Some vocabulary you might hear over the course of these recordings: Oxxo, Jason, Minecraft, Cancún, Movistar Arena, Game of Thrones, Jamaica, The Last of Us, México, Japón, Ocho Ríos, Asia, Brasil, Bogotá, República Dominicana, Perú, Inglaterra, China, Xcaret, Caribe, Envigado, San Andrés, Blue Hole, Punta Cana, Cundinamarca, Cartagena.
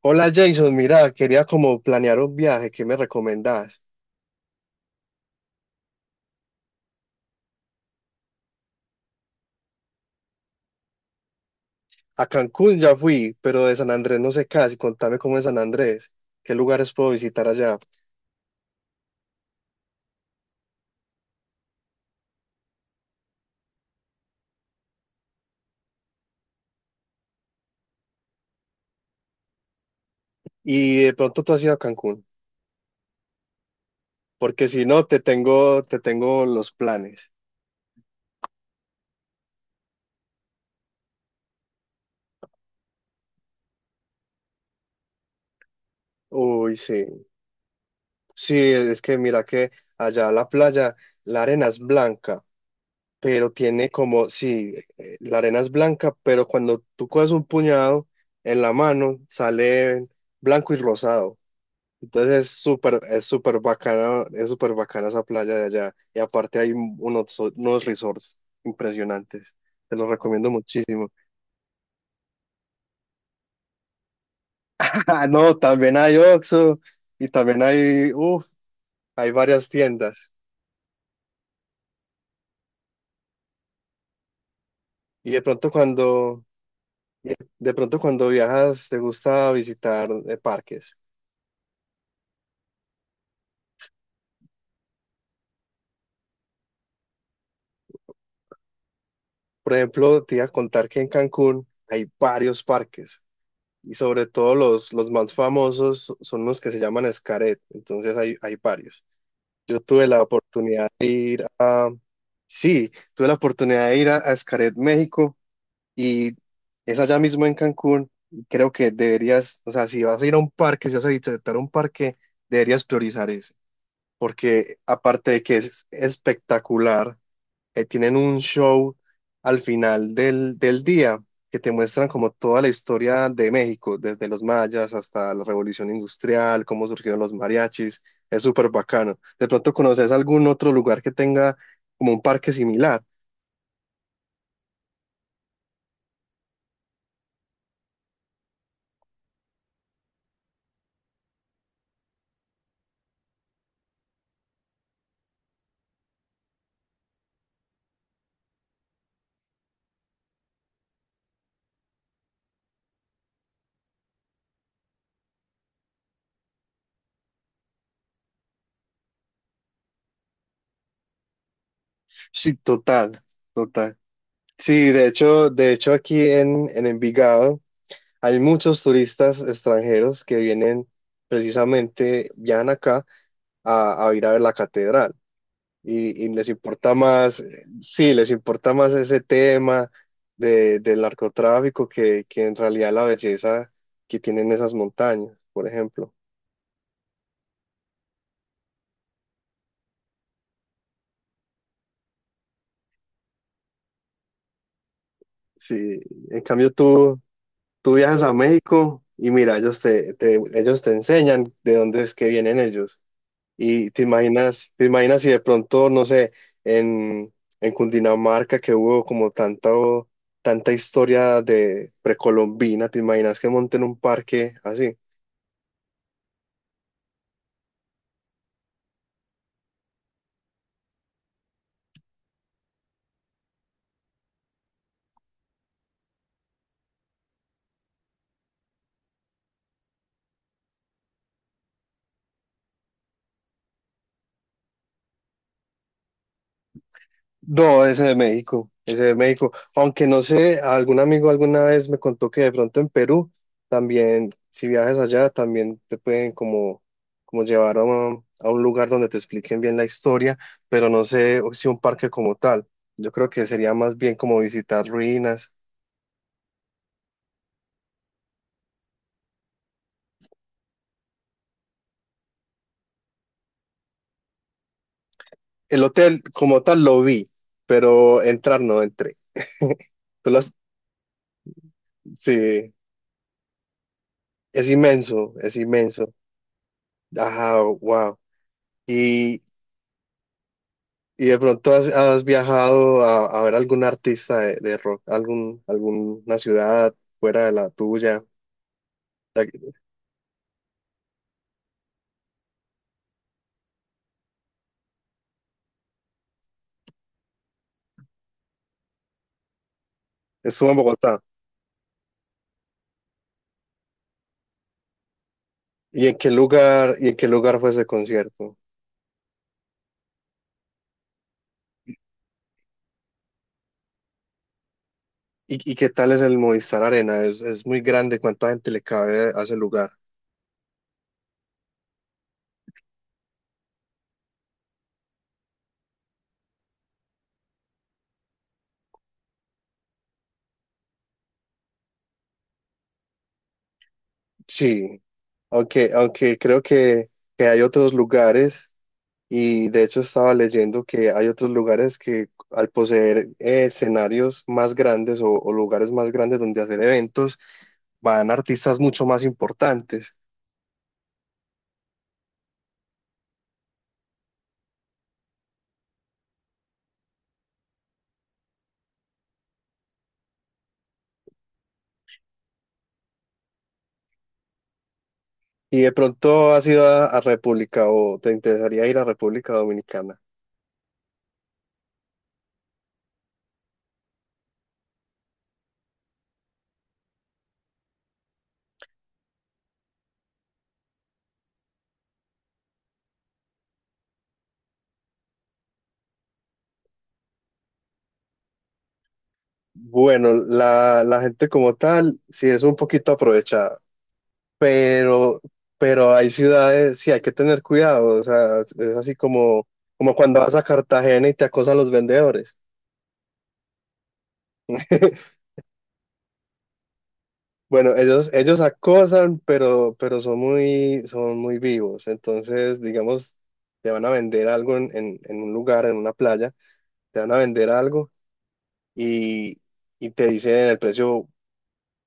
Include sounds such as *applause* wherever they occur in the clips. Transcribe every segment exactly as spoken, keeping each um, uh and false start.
Hola Jason, mira, quería como planear un viaje, ¿qué me recomendás? A Cancún ya fui, pero de San Andrés no sé casi, contame cómo es San Andrés, qué lugares puedo visitar allá. Y de pronto tú has ido a Cancún, porque si no, te tengo, te tengo los planes. Uy, sí, sí, es que mira que allá la playa, la arena es blanca, pero tiene como, sí, eh, la arena es blanca, pero cuando tú coges un puñado en la mano, sale blanco y rosado. Entonces es súper, es súper bacana, es súper bacana esa playa de allá. Y aparte hay unos, unos resorts impresionantes. Te los recomiendo muchísimo. *laughs* Ah, no, también hay Oxxo y también hay, uf, hay varias tiendas. Y de pronto cuando, y de pronto cuando viajas, te gusta visitar eh, parques. Por ejemplo, te iba a contar que en Cancún hay varios parques. Y sobre todo los, los más famosos son los que se llaman Xcaret. Entonces hay, hay varios. Yo tuve la oportunidad de ir a, Sí, tuve la oportunidad de ir a, a Xcaret, México, y es allá mismo en Cancún. Y creo que deberías, o sea, si vas a ir a un parque, si vas a visitar un parque, deberías priorizar ese, porque aparte de que es espectacular, eh, tienen un show al final del, del día que te muestran como toda la historia de México, desde los mayas hasta la revolución industrial, cómo surgieron los mariachis. Es súper bacano. De pronto conoces algún otro lugar que tenga como un parque similar. Sí, total, total. Sí, de hecho, de hecho aquí en, en Envigado hay muchos turistas extranjeros que vienen precisamente, viajan acá a, a ir a ver la catedral. Y, y les importa más, eh, sí, les importa más ese tema de, del narcotráfico que, que en realidad la belleza que tienen esas montañas, por ejemplo. Sí, en cambio tú, tú viajas a México y mira, ellos te, te- ellos te enseñan de dónde es que vienen ellos. Y te imaginas, te imaginas si de pronto, no sé, en, en Cundinamarca que hubo como tanto, tanta historia de precolombina, te imaginas que monten un parque así. No, ese de México, ese de México. Aunque no sé, algún amigo alguna vez me contó que de pronto en Perú también, si viajas allá, también te pueden como, como llevar a un, a un lugar donde te expliquen bien la historia, pero no sé si un parque como tal. Yo creo que sería más bien como visitar ruinas. El hotel como tal lo vi, pero entrar no entré. *laughs* Tú lo has- sí, es inmenso, es inmenso. Ajá, wow. Y ¿Y de pronto has, has viajado a, a ver algún artista de, de rock, algún, alguna ciudad fuera de la tuya? La- Estuvo en Bogotá. ¿Y en qué lugar, y en qué lugar fue ese concierto? ¿Y, y qué tal es el Movistar Arena? Es, es muy grande, ¿cuánta gente le cabe a ese lugar? Sí, aunque, aunque creo que, que hay otros lugares. Y de hecho estaba leyendo que hay otros lugares que al poseer eh, escenarios más grandes o, o lugares más grandes donde hacer eventos, van artistas mucho más importantes. Y de pronto has ido a, a República o te interesaría ir a República Dominicana. Bueno, la, la gente como tal sí es un poquito aprovechada, pero, pero hay ciudades, sí hay que tener cuidado. O sea, es así como, como cuando vas a Cartagena y te acosan los vendedores. *laughs* Bueno, ellos, ellos acosan, pero, pero son muy, son muy vivos. Entonces, digamos, te van a vender algo en, en- en un lugar, en una playa, te van a vender algo y, y te dicen el precio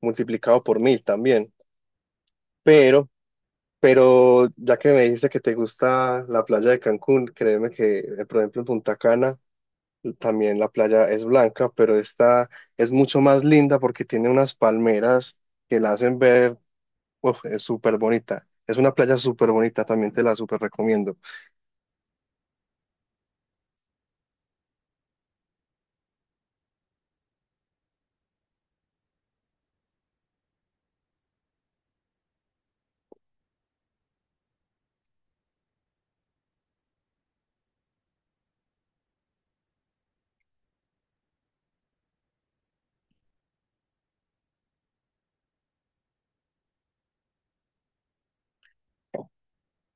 multiplicado por mil también. Pero, pero ya que me dijiste que te gusta la playa de Cancún, créeme que, eh, por ejemplo, en Punta Cana también la playa es blanca, pero esta es mucho más linda porque tiene unas palmeras que la hacen ver. Uf, es súper bonita. Es una playa súper bonita, también te la súper recomiendo.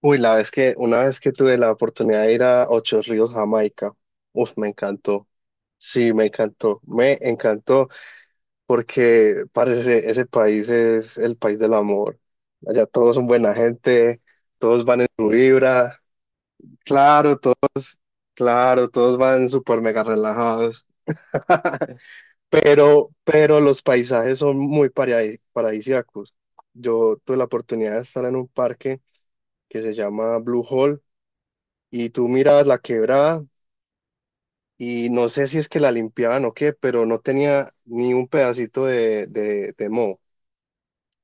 Uy, la vez que, una vez que tuve la oportunidad de ir a Ocho Ríos, Jamaica, uf, me encantó. Sí, me encantó, me encantó, porque parece ese país es el país del amor. Allá todos son buena gente, todos van en su vibra, claro, to- claro, todos van súper mega relajados, pero, pero los paisajes son muy paradis- paradisíacos. Yo tuve la oportunidad de estar en un parque que se llama Blue Hole y tú mirabas la quebrada y no sé si es que la limpiaban o qué, pero no tenía ni un pedacito de, de, de moho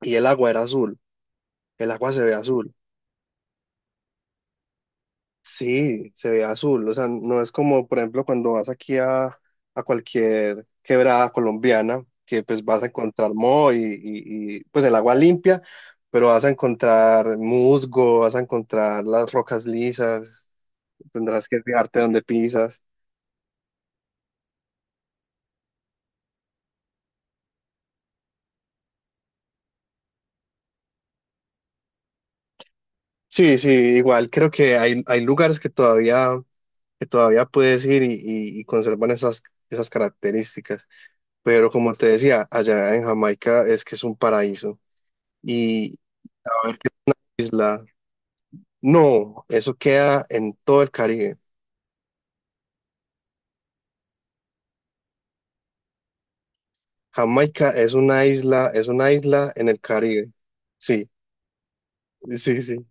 y el agua era azul, el agua se ve azul, sí, se ve azul, o sea, no es como por ejemplo cuando vas aquí a, a cualquier quebrada colombiana que pues vas a encontrar moho y, y y, pues el agua limpia. Pero vas a encontrar musgo, vas a encontrar las rocas lisas, tendrás que fijarte dónde pisas. Sí, sí, igual creo que hay, hay lugares que todavía, que todavía puedes ir y, y- y conservan esas, esas características. Pero como te decía, allá en Jamaica es que es un paraíso. Y a ver qué isla. No, eso queda en todo el Caribe. Jamaica es una isla, es una isla en el Caribe. Sí, sí, sí.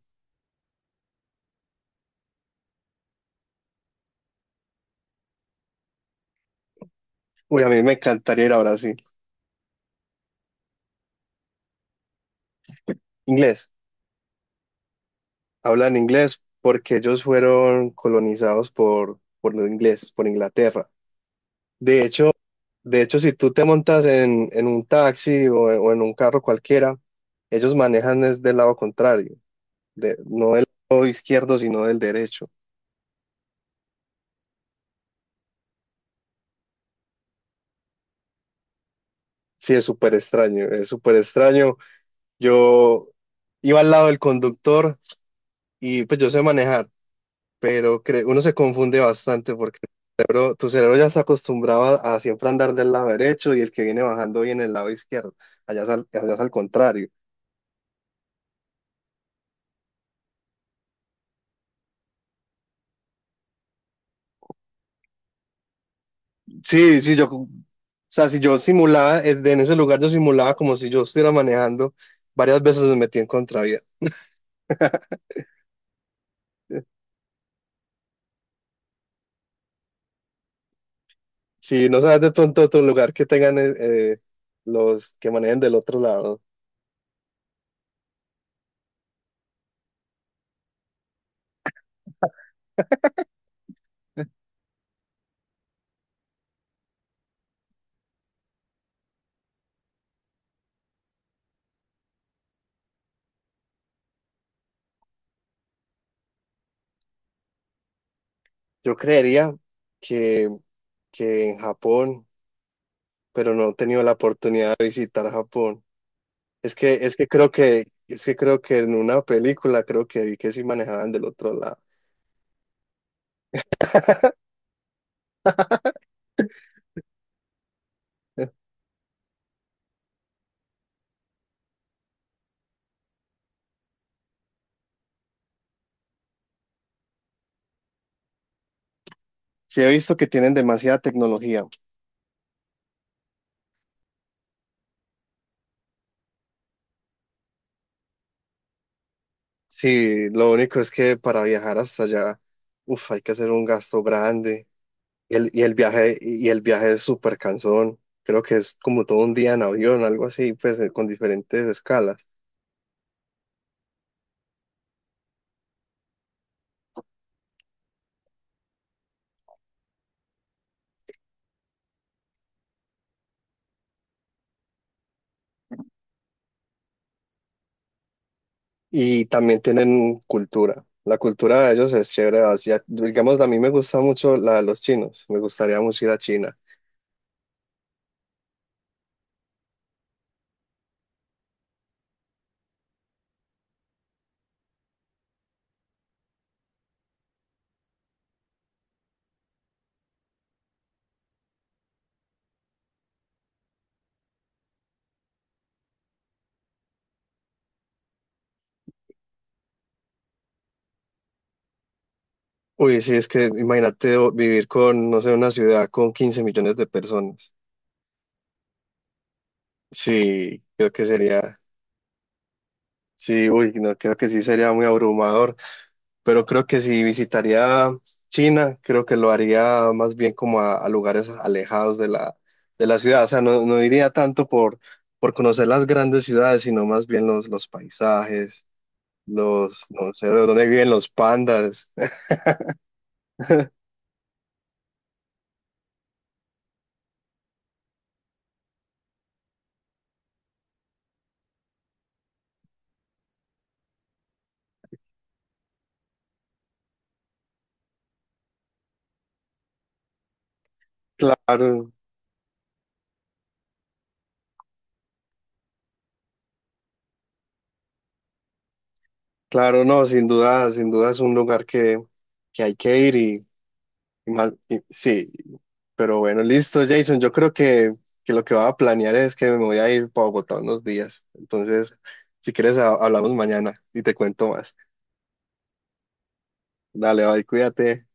Uy, a mí me encantaría ir a Brasil. Inglés, hablan inglés porque ellos fueron colonizados por, por los ingleses, por Inglaterra. De hecho, de hecho, si tú te montas en, en un taxi o, en o en un carro cualquiera, ellos manejan es del lado contrario, de- no del lado izquierdo, sino del derecho. Sí, es súper extraño, es súper extraño. Yo iba al lado del conductor y pues yo sé manejar, pero cre- uno se confunde bastante porque tu cerebro, tu cerebro ya está acostumbrado a, a siempre andar del lado derecho y el que viene bajando viene del lado izquierdo. Allá es al- allá es al contrario. Sí, sí, yo, o sea, si yo simulaba, eh, en ese lugar yo simulaba como si yo estuviera manejando, varias veces me metí en contravía. Si no sabes de pronto otro lugar que tengan eh, eh, los que manejen del otro lado, yo creería que, que en Japón, pero no he tenido la oportunidad de visitar Japón. Es que, es que creo que, es que creo que en una película creo que vi que sí manejaban del otro lado. *laughs* Sí he visto que tienen demasiada tecnología. Sí, lo único es que para viajar hasta allá, uf, hay que hacer un gasto grande. Y el, y el viaje, y el viaje es súper cansón. Creo que es como todo un día en avión, algo así, pues eh, con diferentes escalas. Y también tienen cultura. La cultura de ellos es chévere. Asia- digamos, a mí me gusta mucho la de los chinos. Me gustaría mucho ir a China. Uy, sí, es que imagínate o- vivir con, no sé, una ciudad con quince millones de personas. Sí, creo que sería, sí, uy, no, creo que sí sería muy abrumador. Pero creo que si visitaría China, creo que lo haría más bien como a, a lugares alejados de la, de la ciudad. O sea, no, no iría tanto por, por conocer las grandes ciudades, sino más bien los, los paisajes, los, no sé, de dónde viven los pandas. *laughs* Claro, claro, no, sin duda, sin duda es un lugar que, que hay que ir y, y más, y- sí. Pero bueno, listo, Jason. Yo creo que, que lo que voy a planear es que me voy a ir para Bogotá unos días. Entonces, si quieres, ha- hablamos mañana y te cuento más. Dale, bye, cuídate.